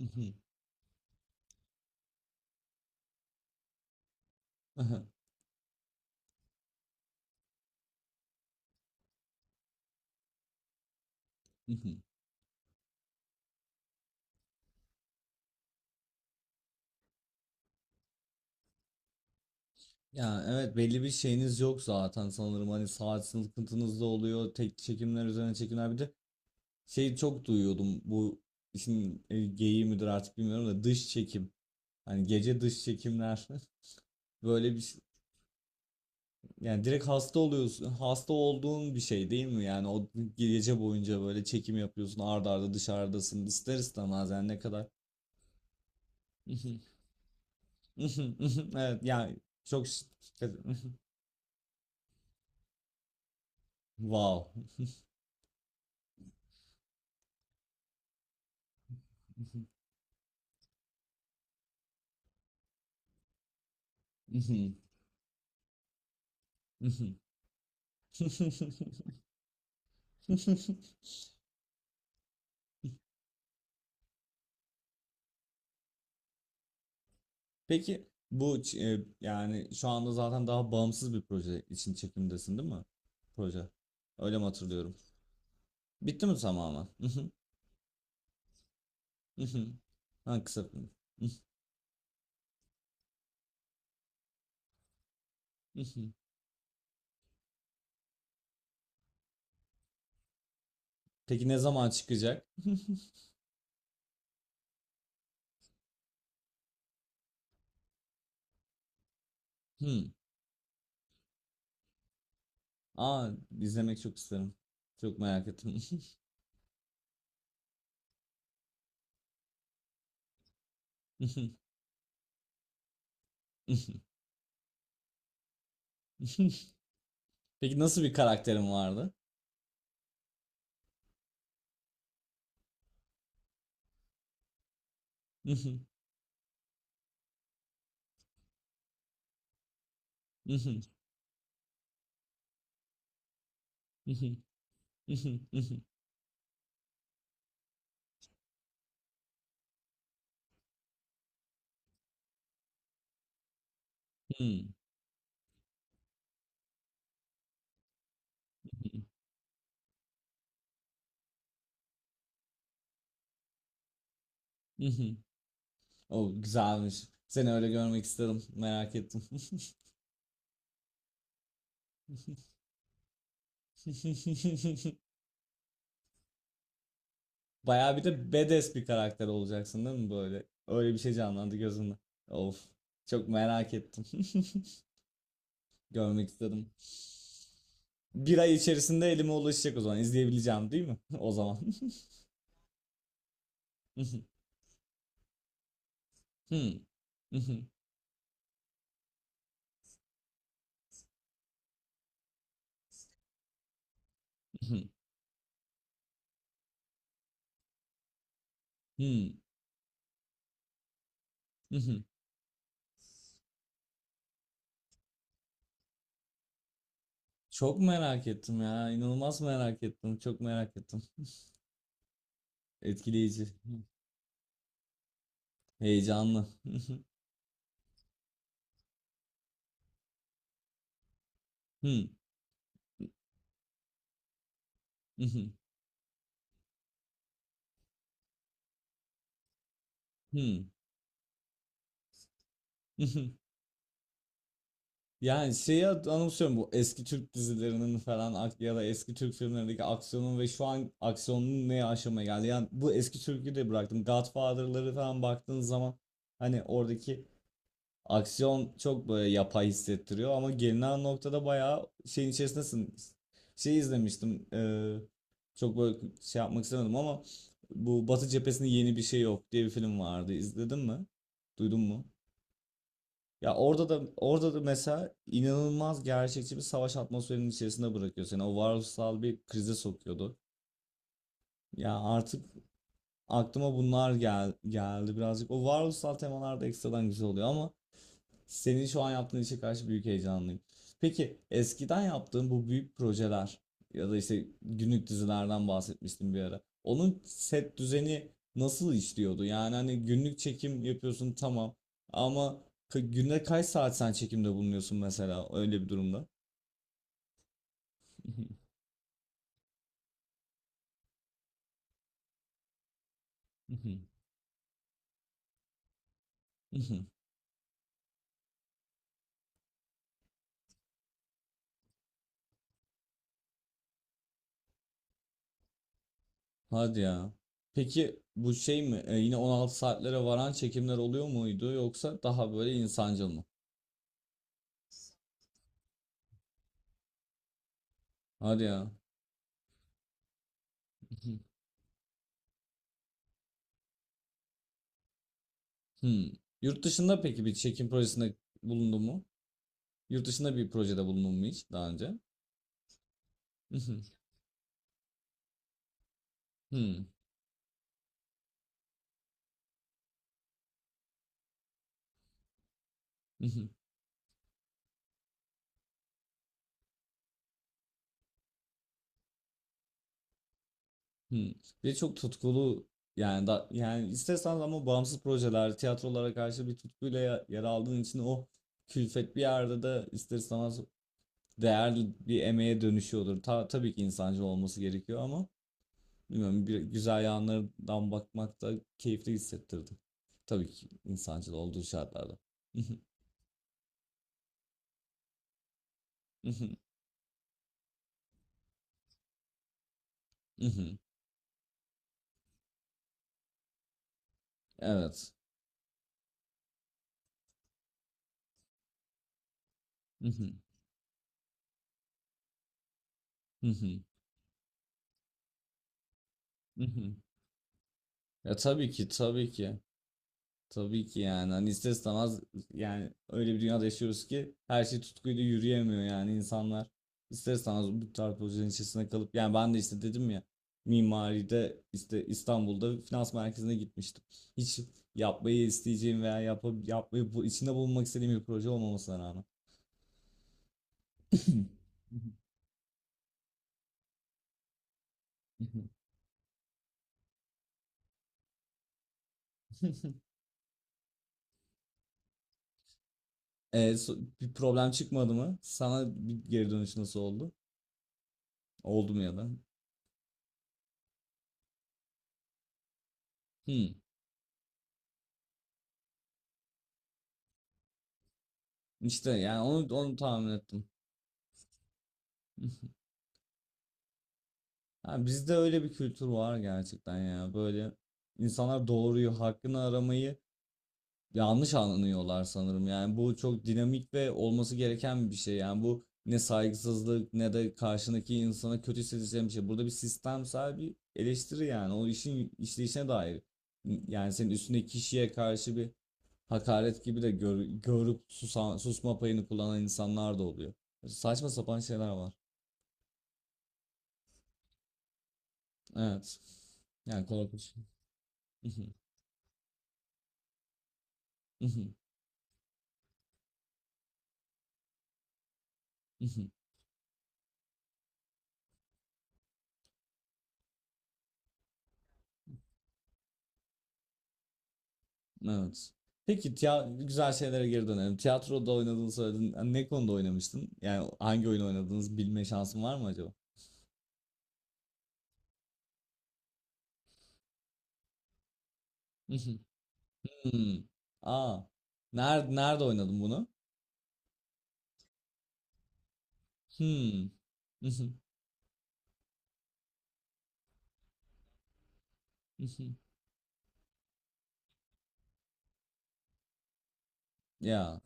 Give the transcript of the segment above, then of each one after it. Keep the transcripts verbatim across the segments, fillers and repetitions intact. Mhm, aha, mhm. Ya evet belli bir şeyiniz yok zaten sanırım hani saat sıkıntınız da oluyor, tek çekimler üzerine çekimler. Bir de şey, çok duyuyordum bu işin e, geyiği midir artık bilmiyorum da, dış çekim, hani gece dış çekimler. böyle bir ş- Yani direkt hasta oluyorsun, hasta olduğun bir şey değil mi yani? O gece boyunca böyle çekim yapıyorsun, arda arda dışarıdasın, ister istemez yani ne kadar... Evet yani. Çok. Wow. Mhm, mhm. Peki bu ç- e, yani şu anda zaten daha bağımsız bir proje için çekimdesin değil mi? Proje. Öyle mi hatırlıyorum? Bitti mi tamamen? Mhm, mhm. Ha, kısa film. Mhm, mhm. Peki ne zaman çıkacak? Hmm. Aa, izlemek çok isterim. Çok merak ettim. Peki nasıl bir karakterin vardı? Hmm. O güzelmiş. Seni öyle görmek istedim. Merak ettim. Bayağı bir de badass bir karakter olacaksın değil mi böyle? Öyle bir şey canlandı gözümde. Of. Çok merak ettim. Görmek istedim. Bir ay içerisinde elime ulaşacak o zaman. İzleyebileceğim değil mi? O zaman. Çok merak ettim ya. İnanılmaz merak ettim. Çok merak ettim. Etkileyici. Heyecanlı. Hı hı. Hıı. Hı hı. Yani, şeyi hat anımsıyorum bu eski Türk dizilerinin falan ak ya da eski Türk filmlerindeki aksiyonun, ve şu an aksiyonun ne aşamaya geldi. Yani bu eski Türk'ü de bıraktım, Godfather'ları falan baktığın zaman hani oradaki aksiyon çok böyle yapay hissettiriyor, ama gelinen noktada bayağı şeyin içerisindesin. Şey izlemiştim. Eee, çok böyle şey yapmak istemedim ama bu Batı Cephesi'nin Yeni Bir Şey Yok diye bir film vardı. İzledin mi? Duydun mu? Ya orada da, orada da mesela inanılmaz gerçekçi bir savaş atmosferinin içerisinde bırakıyor seni. O varoluşsal bir krize sokuyordu. Ya artık aklıma bunlar gel geldi birazcık. O varoluşsal temalar da ekstradan güzel oluyor, ama senin şu an yaptığın işe karşı büyük heyecanlıyım. Peki eskiden yaptığın bu büyük projeler ya da işte günlük dizilerden bahsetmiştim bir ara. Onun set düzeni nasıl işliyordu? Yani hani günlük çekim yapıyorsun, tamam, ama ka- günde kaç saat sen çekimde bulunuyorsun mesela öyle bir durumda? Hadi ya. Peki bu şey mi? E, yine on altı saatlere varan çekimler oluyor muydu, yoksa daha böyle insancıl mı? Hadi ya. Hmm. Yurt dışında peki bir çekim projesinde bulundun mu? Yurt dışında bir projede bulundun mu hiç daha önce? Mhm, Hmm. Mhm, Hmm. Bir de çok tutkulu, yani da, yani istersen, ama bağımsız projeler, tiyatrolara karşı bir tutkuyla ya- yer aldığın için o külfet bir yerde de ister istemez değerli bir emeğe dönüşüyordur. Ta, tabii ki insancıl olması gerekiyor ama, bilmiyorum, bir güzel yanlarından bakmak da keyifli hissettirdi. Tabii ki insancıl olduğu şartlarda. Evet. Hı hı. Hı hı. Hı hı. Ya tabii ki, tabii ki. Tabii ki yani. Hani ister istemez yani öyle bir dünyada yaşıyoruz ki her şey tutkuyla yürüyemiyor yani insanlar. İster istemez bu tarz projelerin içerisinde kalıp, yani ben de işte dedim ya, mimaride işte İstanbul'da finans merkezine gitmiştim. Hiç yapmayı isteyeceğim veya yapıp yapmayı bu, içinde bulunmak istediğim bir proje olmamasına rağmen. Bir problem çıkmadı mı? Sana bir geri dönüş nasıl oldu? Oldu mu, ya da? Hmm. İşte yani onu onu tahmin ettim. Ha, bizde öyle bir kültür var gerçekten ya. Böyle insanlar doğruyu, hakkını aramayı yanlış anlıyorlar sanırım. Yani bu çok dinamik ve olması gereken bir şey. Yani bu ne saygısızlık, ne de karşındaki insana kötü hissedeceğim bir şey. Burada bir sistemsel bir eleştiri yani. O işin işleyişine dair. Yani senin üstündeki kişiye karşı bir hakaret gibi de gör, görüp susan, susma payını kullanan insanlar da oluyor. Saçma sapan şeyler var. Evet. Yani korkunç. Evet. Peki tiya- güzel şeylere geri dönelim. Tiyatroda oynadığını söyledin. Yani ne konuda oynamıştın? Yani hangi oyun oynadığınızı bilme şansın var mı acaba? Mhm. Hmm. Aa. Nerede nerede oynadın bunu? Hmm. Mhm. Mhm. Ya.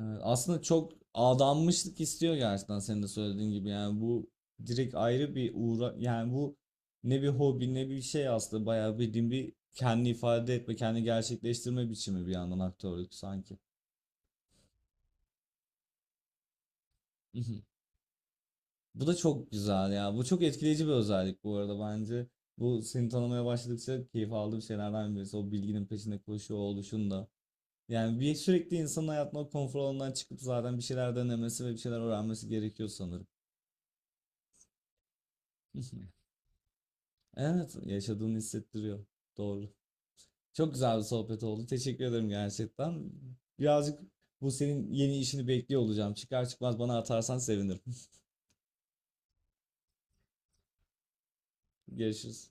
Evet, aslında çok adanmışlık istiyor gerçekten, senin de söylediğin gibi. Yani bu direkt ayrı bir uğra, yani bu ne bir hobi ne bir şey, aslında bayağı bildiğin bir kendi ifade etme, kendi gerçekleştirme biçimi bir yandan aktörlük sanki. Mhm. Bu da çok güzel ya, bu çok etkileyici bir özellik bu arada, bence bu seni tanımaya başladıkça keyif aldığım şeylerden birisi o bilginin peşinde koşuyor oluşun da. Yani bir sürekli insanın hayatına o konfor alanından çıkıp zaten bir şeyler denemesi ve bir şeyler öğrenmesi gerekiyor sanırım. Evet, yaşadığını hissettiriyor. Doğru. Çok güzel bir sohbet oldu. Teşekkür ederim gerçekten. Birazcık bu senin yeni işini bekliyor olacağım. Çıkar çıkmaz bana atarsan sevinirim. Görüşürüz.